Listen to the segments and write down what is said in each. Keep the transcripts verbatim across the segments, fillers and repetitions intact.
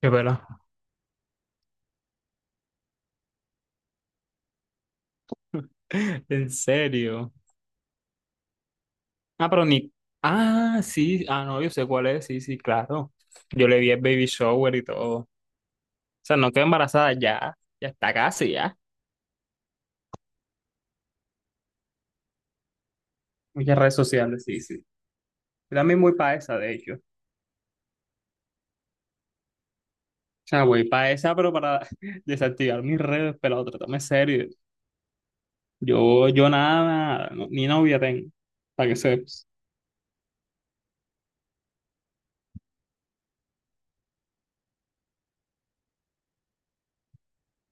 Qué pela. En serio. Ah, pero ni. Ah, sí. Ah, no, yo sé cuál es. Sí, sí, claro. Yo le vi el baby shower y todo. O sea, no quedó embarazada ya. Ya está casi, ya. Muchas redes sociales, sí, sí. Yo también voy para esa, de hecho. O sea, voy para esa, pero para desactivar mis redes, pero tratame serio. Yo, yo nada, no- ni novia tengo. Para que sepas.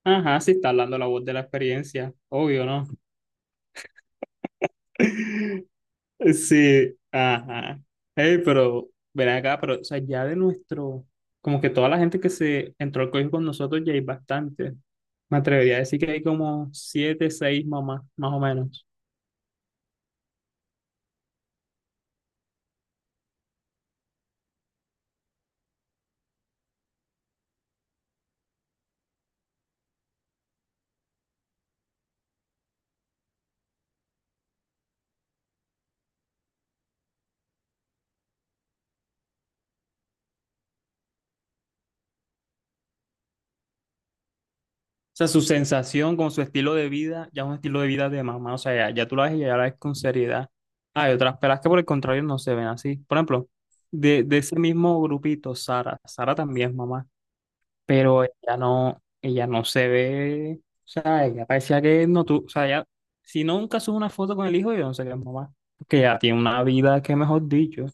Ajá, sí está hablando la voz de la experiencia. Obvio, ¿no? Sí, ajá. Ey, pero ven acá, pero o sea, ya de nuestro, como que toda la gente que se entró al colegio con nosotros ya hay bastante. Me atrevería a decir que hay como siete, seis mamás, más o menos. O sea, su sensación con su estilo de vida, ya es un estilo de vida de mamá. O sea, ya, ya tú la ves y ya la ves con seriedad. Hay otras pelas que por el contrario no se ven así. Por ejemplo, de, de ese mismo grupito, Sara. Sara también es mamá. Pero ella no, ella no se ve, o sea, ella parecía que no tú, o sea, ella, si no nunca sube una foto con el hijo, yo no sé qué es mamá, porque ella tiene una vida que, mejor dicho,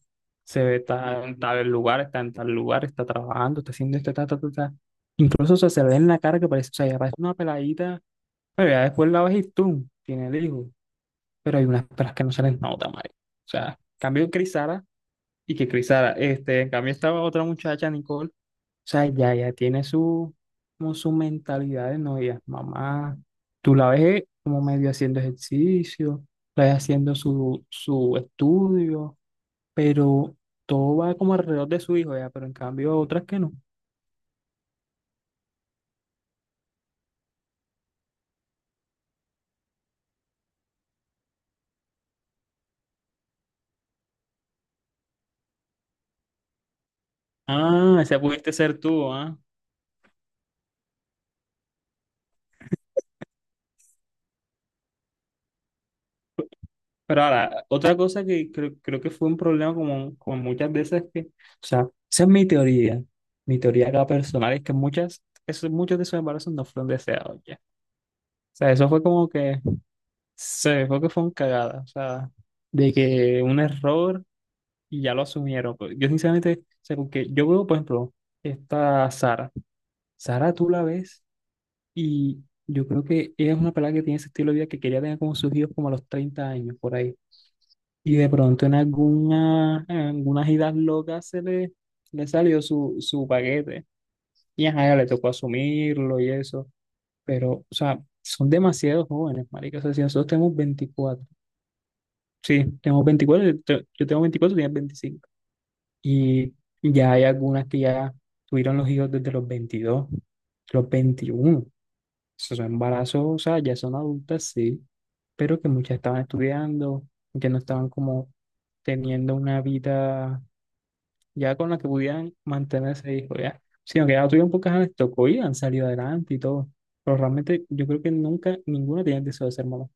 se ve, está en tal lugar, está en tal lugar, está trabajando, está haciendo esto, ta, ta, ta, ta. Incluso, o sea, se ve en la cara que parece, o sea, ella parece una peladita, pero ya después la ves y tú, tiene el hijo, pero hay unas pelas que no se les nota, madre. O sea, cambio Crisara y que Crisara, este, en cambio estaba otra muchacha, Nicole, o sea, ya, ya tiene su, como su mentalidad de novia, mamá. Tú la ves como medio haciendo ejercicio, la ves haciendo su, su estudio, pero todo va como alrededor de su hijo, ya, pero en cambio otras que no. Ah, esa pudiste ser tú, ¿ah? Pero ahora, otra cosa que creo, creo que fue un problema como, como muchas veces que, o sea, esa es mi teoría, mi teoría acá personal, es que muchas, esos, muchos de esos embarazos no fueron deseados, ya. O sea, eso fue como que se dejó que fue un cagada, o sea, de que un error y ya lo asumieron pues. Yo sinceramente, o sea, porque yo veo, por ejemplo, esta Sara. Sara tú la ves y yo creo que ella es una pelada que tiene ese estilo de vida que quería tener como sus hijos como a los treinta años, por ahí. Y de pronto en alguna, en algunas idas locas se le, le salió su, su paquete. Y ajá, ya le tocó asumirlo y eso. Pero, o sea, son demasiados jóvenes, marica. O sea, si nosotros tenemos veinticuatro. Sí, tenemos veinticuatro, yo te- yo tengo veinticuatro, tienes veinticinco. Y ya hay algunas que ya tuvieron los hijos desde los veintidós, los veintiuno. Esos son embarazos, o sea, ya son adultas, sí, pero que muchas estaban estudiando, que no estaban como teniendo una vida ya con la que pudieran mantenerse hijo, ya. Sino que ya tuvieron pocas les tocó y han salido adelante y todo. Pero realmente yo creo que nunca, ninguna tenía el deseo de ser mamá.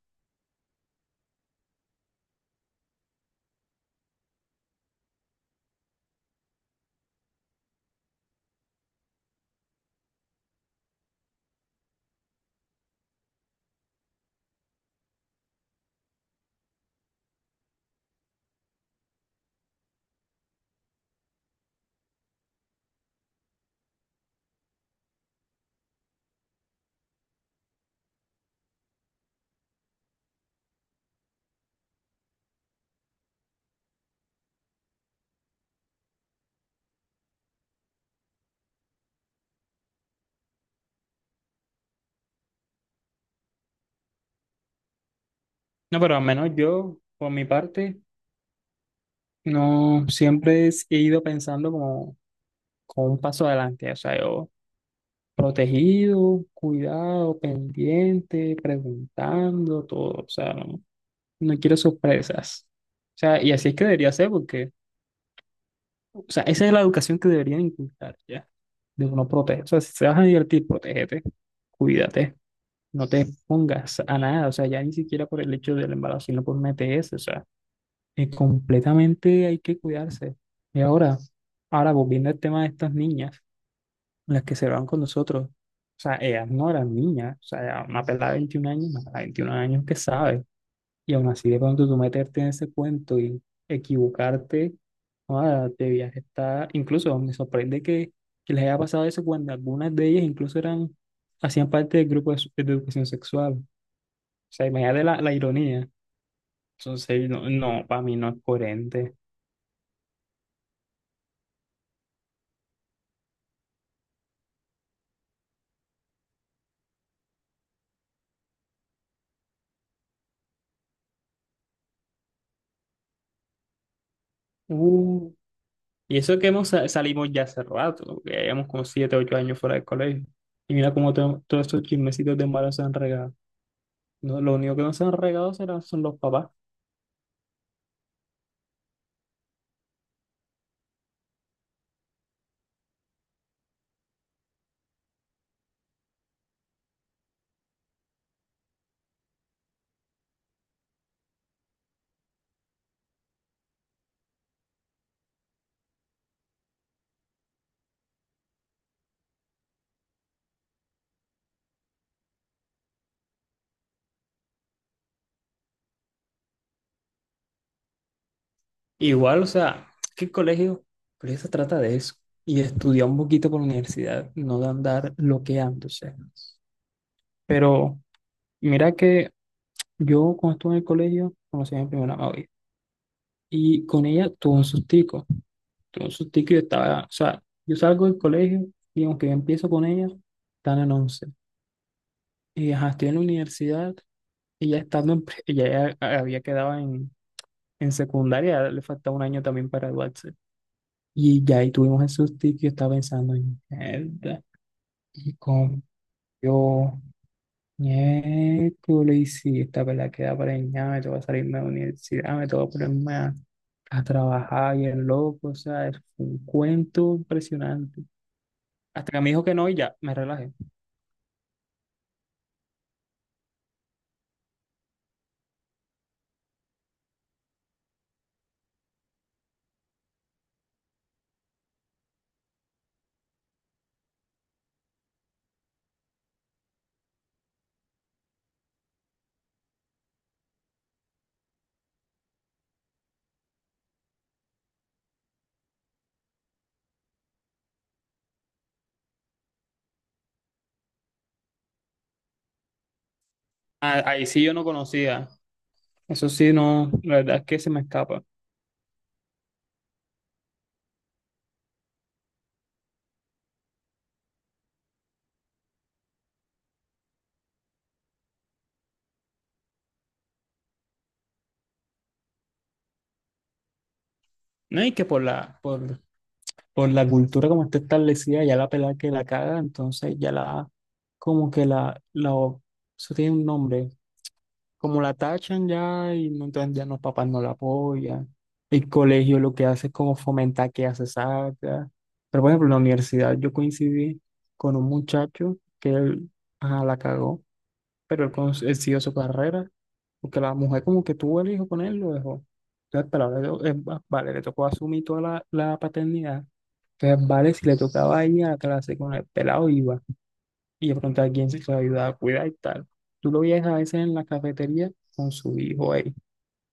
No, pero al menos yo, por mi parte, no, siempre es- he ido pensando como, como un paso adelante, o sea, yo protegido, cuidado, pendiente, preguntando, todo, o sea, no, no quiero sorpresas. O sea, y así es que debería ser porque, o sea, esa es la educación que deberían inculcar, ¿ya? De uno proteger, o sea, si te vas a divertir, protégete, cuídate, no te pongas a nada, o sea, ya ni siquiera por el hecho del embarazo, sino por un ETS, o sea. Eh, completamente hay que cuidarse. Y ahora, ahora volviendo al tema de estas niñas, las que se van con nosotros, o sea, ellas no eran niñas, o sea, era una pelada de veintiún años, una pelada de veintiún años que sabe, y aún así de pronto tú meterte en ese cuento y equivocarte, ah, de viaje está, incluso me sorprende que, que les haya pasado eso cuando algunas de ellas incluso eran, hacían parte del grupo de, su- de educación sexual, o sea, imagínate la, la ironía, entonces no, no, para mí no es coherente. Uh, Y eso que hemos sa- salimos ya hace rato, que ya llevamos como siete, ocho años fuera del colegio. Y mira cómo to- todos estos chismecitos de malos se han regado. No, lo único que no se han regado serán, son los papás. Igual, o sea, es que el colegio, el colegio se trata de eso. Y de estudiar un poquito por la universidad, no de andar loqueándose. Pero mira que yo cuando estuve en el colegio conocí a mi primera novia. Y con ella tuve un sustico. Tuve un sustico y yo estaba, o sea, yo salgo del colegio y aunque yo empiezo con ella, están en once. Y ajá, estoy en la universidad y ya estando en, pre- ella ya había quedado en, en secundaria, le faltaba un año también para graduarse. Y ya ahí tuvimos el susto y yo estaba pensando en mierda. Y con yo, miércoles, y si esta pelada queda preñada, me toca salirme de la universidad, me toca ponerme a, a trabajar y el loco, o sea, es un cuento impresionante. Hasta que me dijo que no y ya, me relajé. Ah, ahí sí yo no conocía. Eso sí, no, la verdad es que se me escapa. No, y que por la, por, por la cultura como está establecida, ya la pelada que la caga, entonces ya la, como que la, la, eso tiene un nombre, como la tachan ya y no- entonces ya los papás no la apoyan, el colegio lo que hace es como fomentar que hace saca, pero por ejemplo en la universidad yo coincidí con un muchacho que él, ajá, la cagó, pero él, cons- él siguió su carrera, porque la mujer como que tuvo el hijo con él, lo dejó. Entonces, pero ahora, le eh, vale, le tocó asumir toda la la paternidad. Entonces, vale, si le tocaba ir a la clase con el pelado, iba. Y de pronto alguien se lo ayudaba a cuidar y tal. Tú lo veías a veces en la cafetería con su hijo ahí.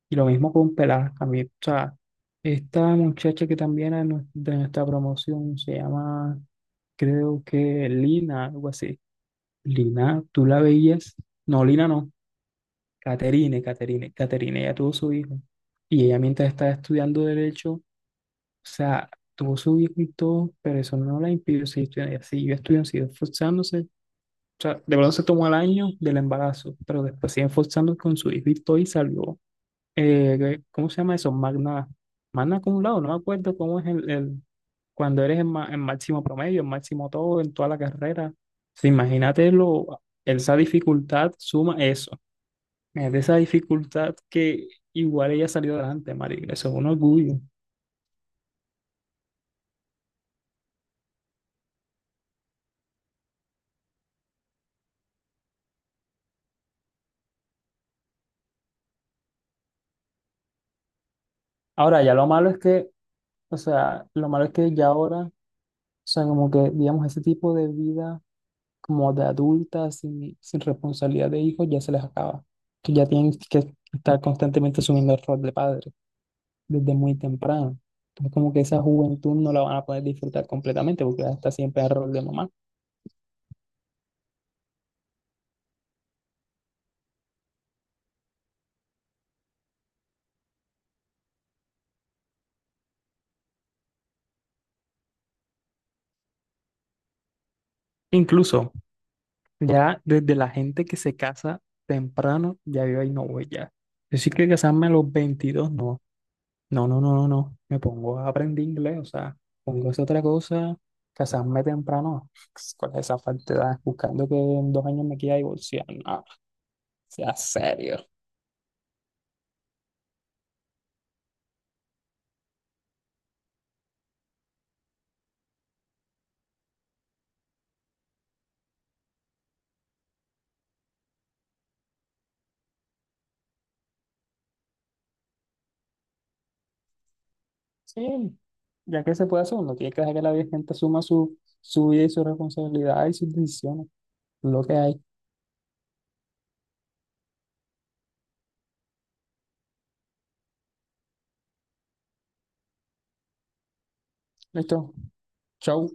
Y lo mismo con Pelá. A mí, o sea, esta muchacha que también era nu- de nuestra promoción se llama, creo que Lina, algo así. Lina, tú la veías. No, Lina no. Caterine, Caterine. Caterine ya tuvo su hijo. Y ella mientras estaba estudiando derecho. O sea, tuvo su hijo y todo, pero eso no la impidió seguir estudiando. Ella siguió estudiando, siguió esforzándose. O sea, de pronto se tomó el año del embarazo, pero después siguió esforzándose con su hijo y todo y salió. Eh, ¿cómo se llama eso? Magna, magna acumulado, no me acuerdo cómo es el, el- cuando eres el ma- el máximo promedio, el máximo todo, en toda la carrera. O imagínate lo, esa dificultad suma eso. Es de esa dificultad que igual ella salió adelante, marica. Eso es un orgullo. Ahora, ya lo malo es que o sea, lo malo es que ya ahora, o sea, como que, digamos, ese tipo de vida como de adulta, sin, sin responsabilidad de hijos, ya se les acaba. Que ya tienen que estar constantemente asumiendo el rol de padre desde muy temprano. Entonces, como que esa juventud no la van a poder disfrutar completamente porque ya está siempre en el rol de mamá. Incluso, ya desde la gente que se casa temprano, ya yo ahí no voy ya. Decir que casarme a los veintidós no. No, no, no, no, no. Me pongo a aprender inglés, o sea, pongo esa otra cosa, casarme temprano. Con esa falsedad, buscando que en dos años me quiera divorciar. No, sea serio. Sí, ya que se puede hacer, uno tiene que dejar que la gente asuma su, su vida y su responsabilidad y sus decisiones. Lo que hay. Listo. Chau.